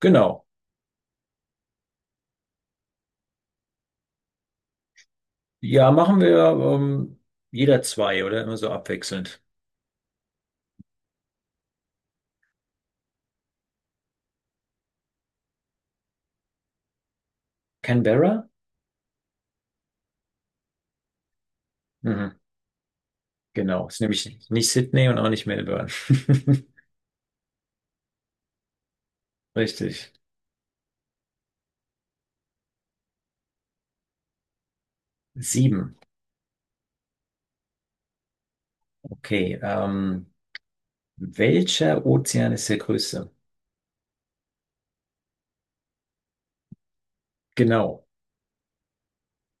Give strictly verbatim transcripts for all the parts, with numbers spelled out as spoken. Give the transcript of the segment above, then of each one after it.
Genau. Ja, machen wir ähm, jeder zwei oder immer so abwechselnd. Canberra? Mhm, genau. Ist nämlich nicht Sydney und auch nicht Melbourne. Richtig. Sieben. Okay. Ähm, welcher Ozean ist der größte? Genau.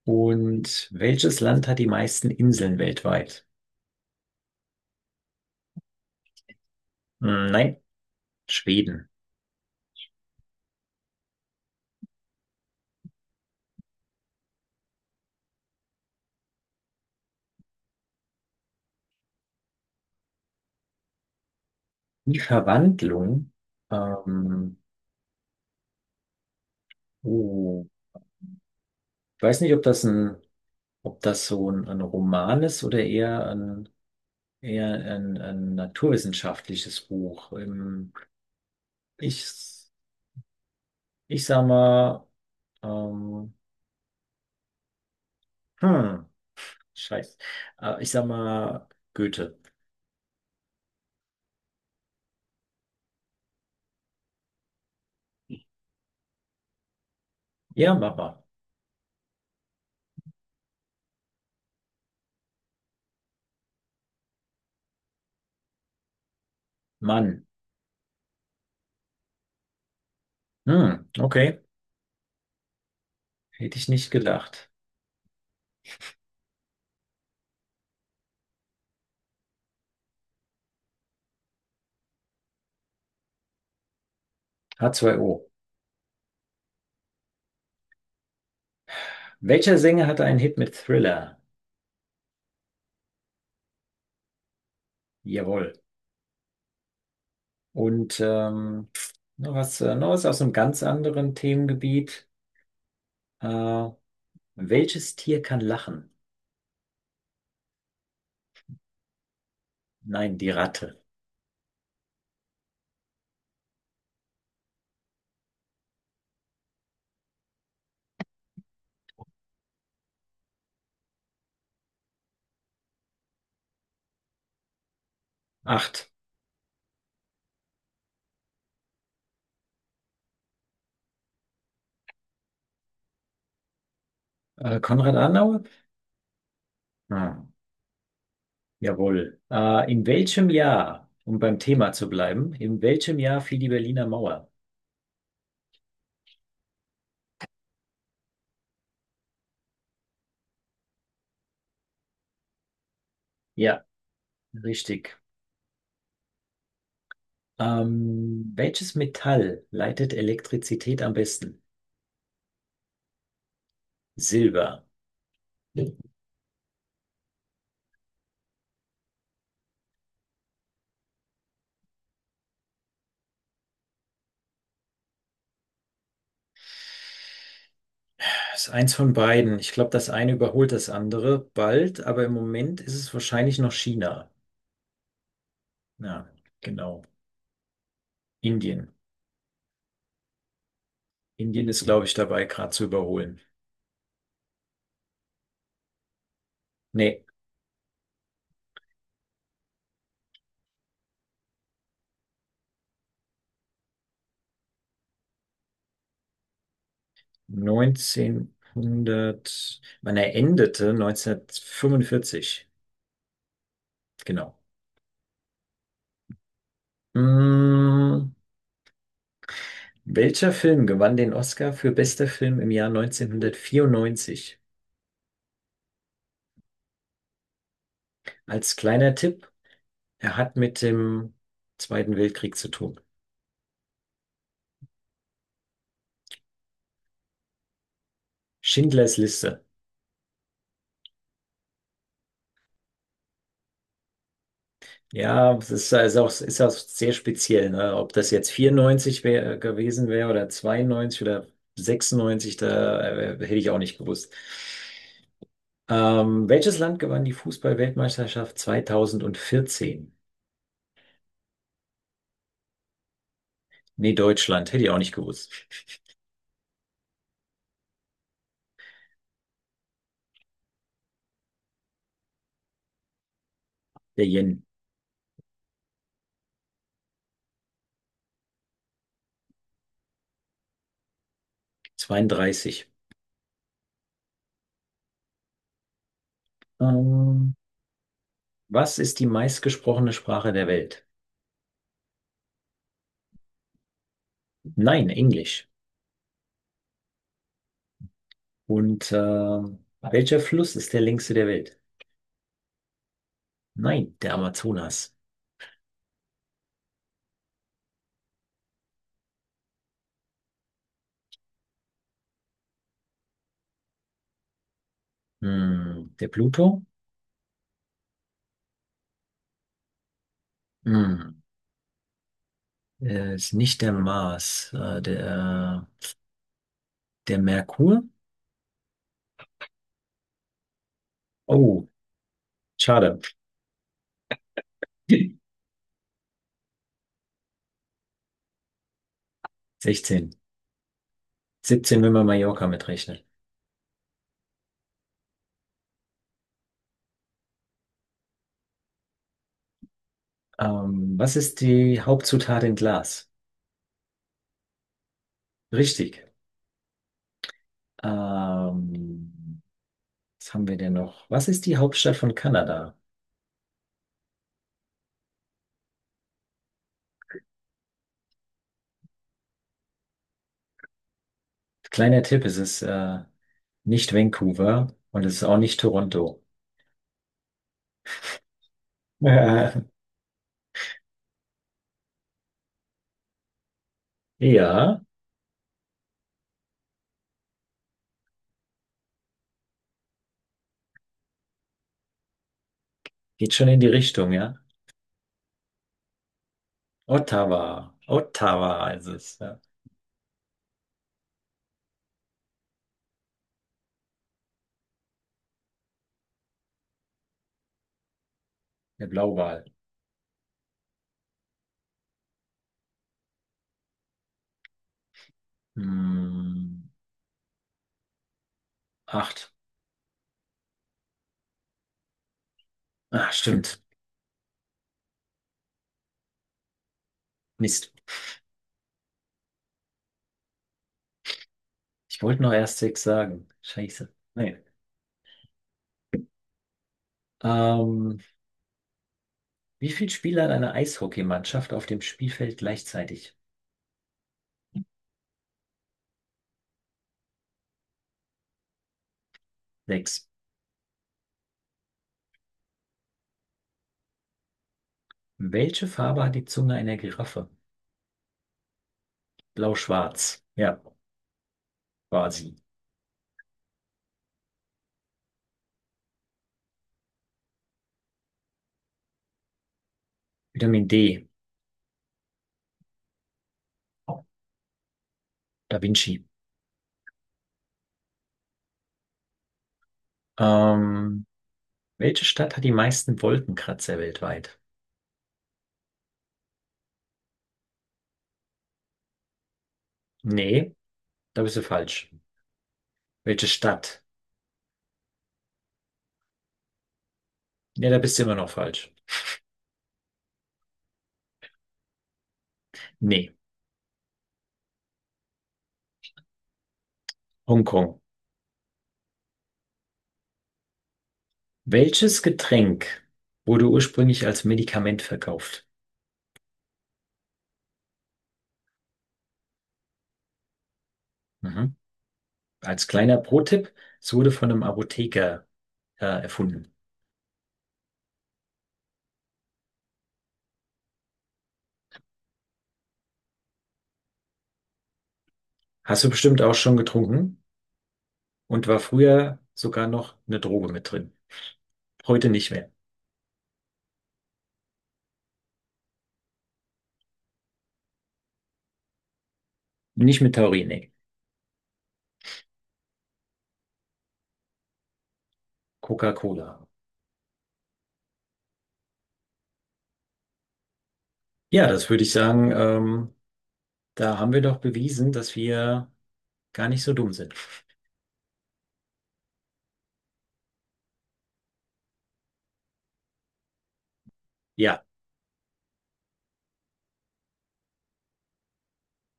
Und welches Land hat die meisten Inseln weltweit? Hm, Nein, Schweden. Die Verwandlung. Ähm, oh, ich weiß nicht, ob das ein, ob das so ein, ein Roman ist oder eher ein eher ein, ein naturwissenschaftliches Buch. Ähm, Ich, ich sag mal, ähm, hm, scheiße. Äh, ich sag mal, Goethe. Ja, mach mal. Mann. Hm, okay. Hätte ich nicht gedacht. H zwei O. Welcher Sänger hatte einen Hit mit Thriller? Jawohl. Und ähm, noch was, äh, noch was aus einem ganz anderen Themengebiet. Äh, welches Tier kann lachen? Nein, die Ratte. Acht. Äh, Konrad Adenauer? Ah, jawohl. Äh, in welchem Jahr, um beim Thema zu bleiben, in welchem Jahr fiel die Berliner Mauer? Ja, richtig. Ähm, welches Metall leitet Elektrizität am besten? Silber. Das ist eins von beiden. Ich glaube, das eine überholt das andere bald, aber im Moment ist es wahrscheinlich noch China. Ja, genau. Indien. Indien ist, glaube ich, dabei, gerade zu überholen. Nee, neunzehnhundert, man endete neunzehnhundertfünfundvierzig. Genau. Mm, welcher Film gewann den Oscar für bester Film im Jahr neunzehnhundertvierundneunzig? Als kleiner Tipp, er hat mit dem Zweiten Weltkrieg zu tun. Schindlers Liste. Ja, es ist, ist auch, ist auch sehr speziell, ne? Ob das jetzt vierundneunzig wär, gewesen wäre oder zweiundneunzig oder sechsundneunzig, da äh, hätte ich auch nicht gewusst. Ähm, welches Land gewann die Fußball-Weltmeisterschaft zweitausendvierzehn? Nee, Deutschland, hätte ich auch nicht gewusst. Der Yen. zweiunddreißig. Ähm, was ist die meistgesprochene Sprache der Welt? Nein, Englisch. Und äh, welcher Fluss ist der längste der Welt? Nein, der Amazonas. Hm, der Pluto? Hm, äh, ist nicht der Mars. Äh, der, äh, der Merkur? Oh, schade. sechzehn. siebzehn, wenn man Mallorca mitrechnet. Ähm, was ist die Hauptzutat in Glas? Richtig. Ähm, Was haben wir denn noch? Was ist die Hauptstadt von Kanada? Kleiner Tipp, es ist äh, nicht Vancouver und es ist auch nicht Toronto. Ja, geht schon in die Richtung, ja. Ottawa. Ottawa ist es, ja. Der Blauwal. Hm, acht. Ah, stimmt. Mist. Ich wollte noch erst sechs sagen. Scheiße. Nee. Ähm, wie viele Spieler hat eine Eishockeymannschaft auf dem Spielfeld gleichzeitig? Sechs. Welche Farbe hat die Zunge einer Giraffe? Blau-Schwarz, ja, quasi. Vitamin D. Da Vinci. Ähm, welche Stadt hat die meisten Wolkenkratzer weltweit? Nee, da bist du falsch. Welche Stadt? Nee, da bist du immer noch falsch. Nee, Hongkong. Welches Getränk wurde ursprünglich als Medikament verkauft? Mhm. Als kleiner Pro-Tipp, es wurde von einem Apotheker äh, erfunden. Hast du bestimmt auch schon getrunken und war früher sogar noch eine Droge mit drin. Heute nicht mehr. Nicht mit Taurin, nee. Coca-Cola. Ja, das würde ich sagen, ähm, da haben wir doch bewiesen, dass wir gar nicht so dumm sind. Ja.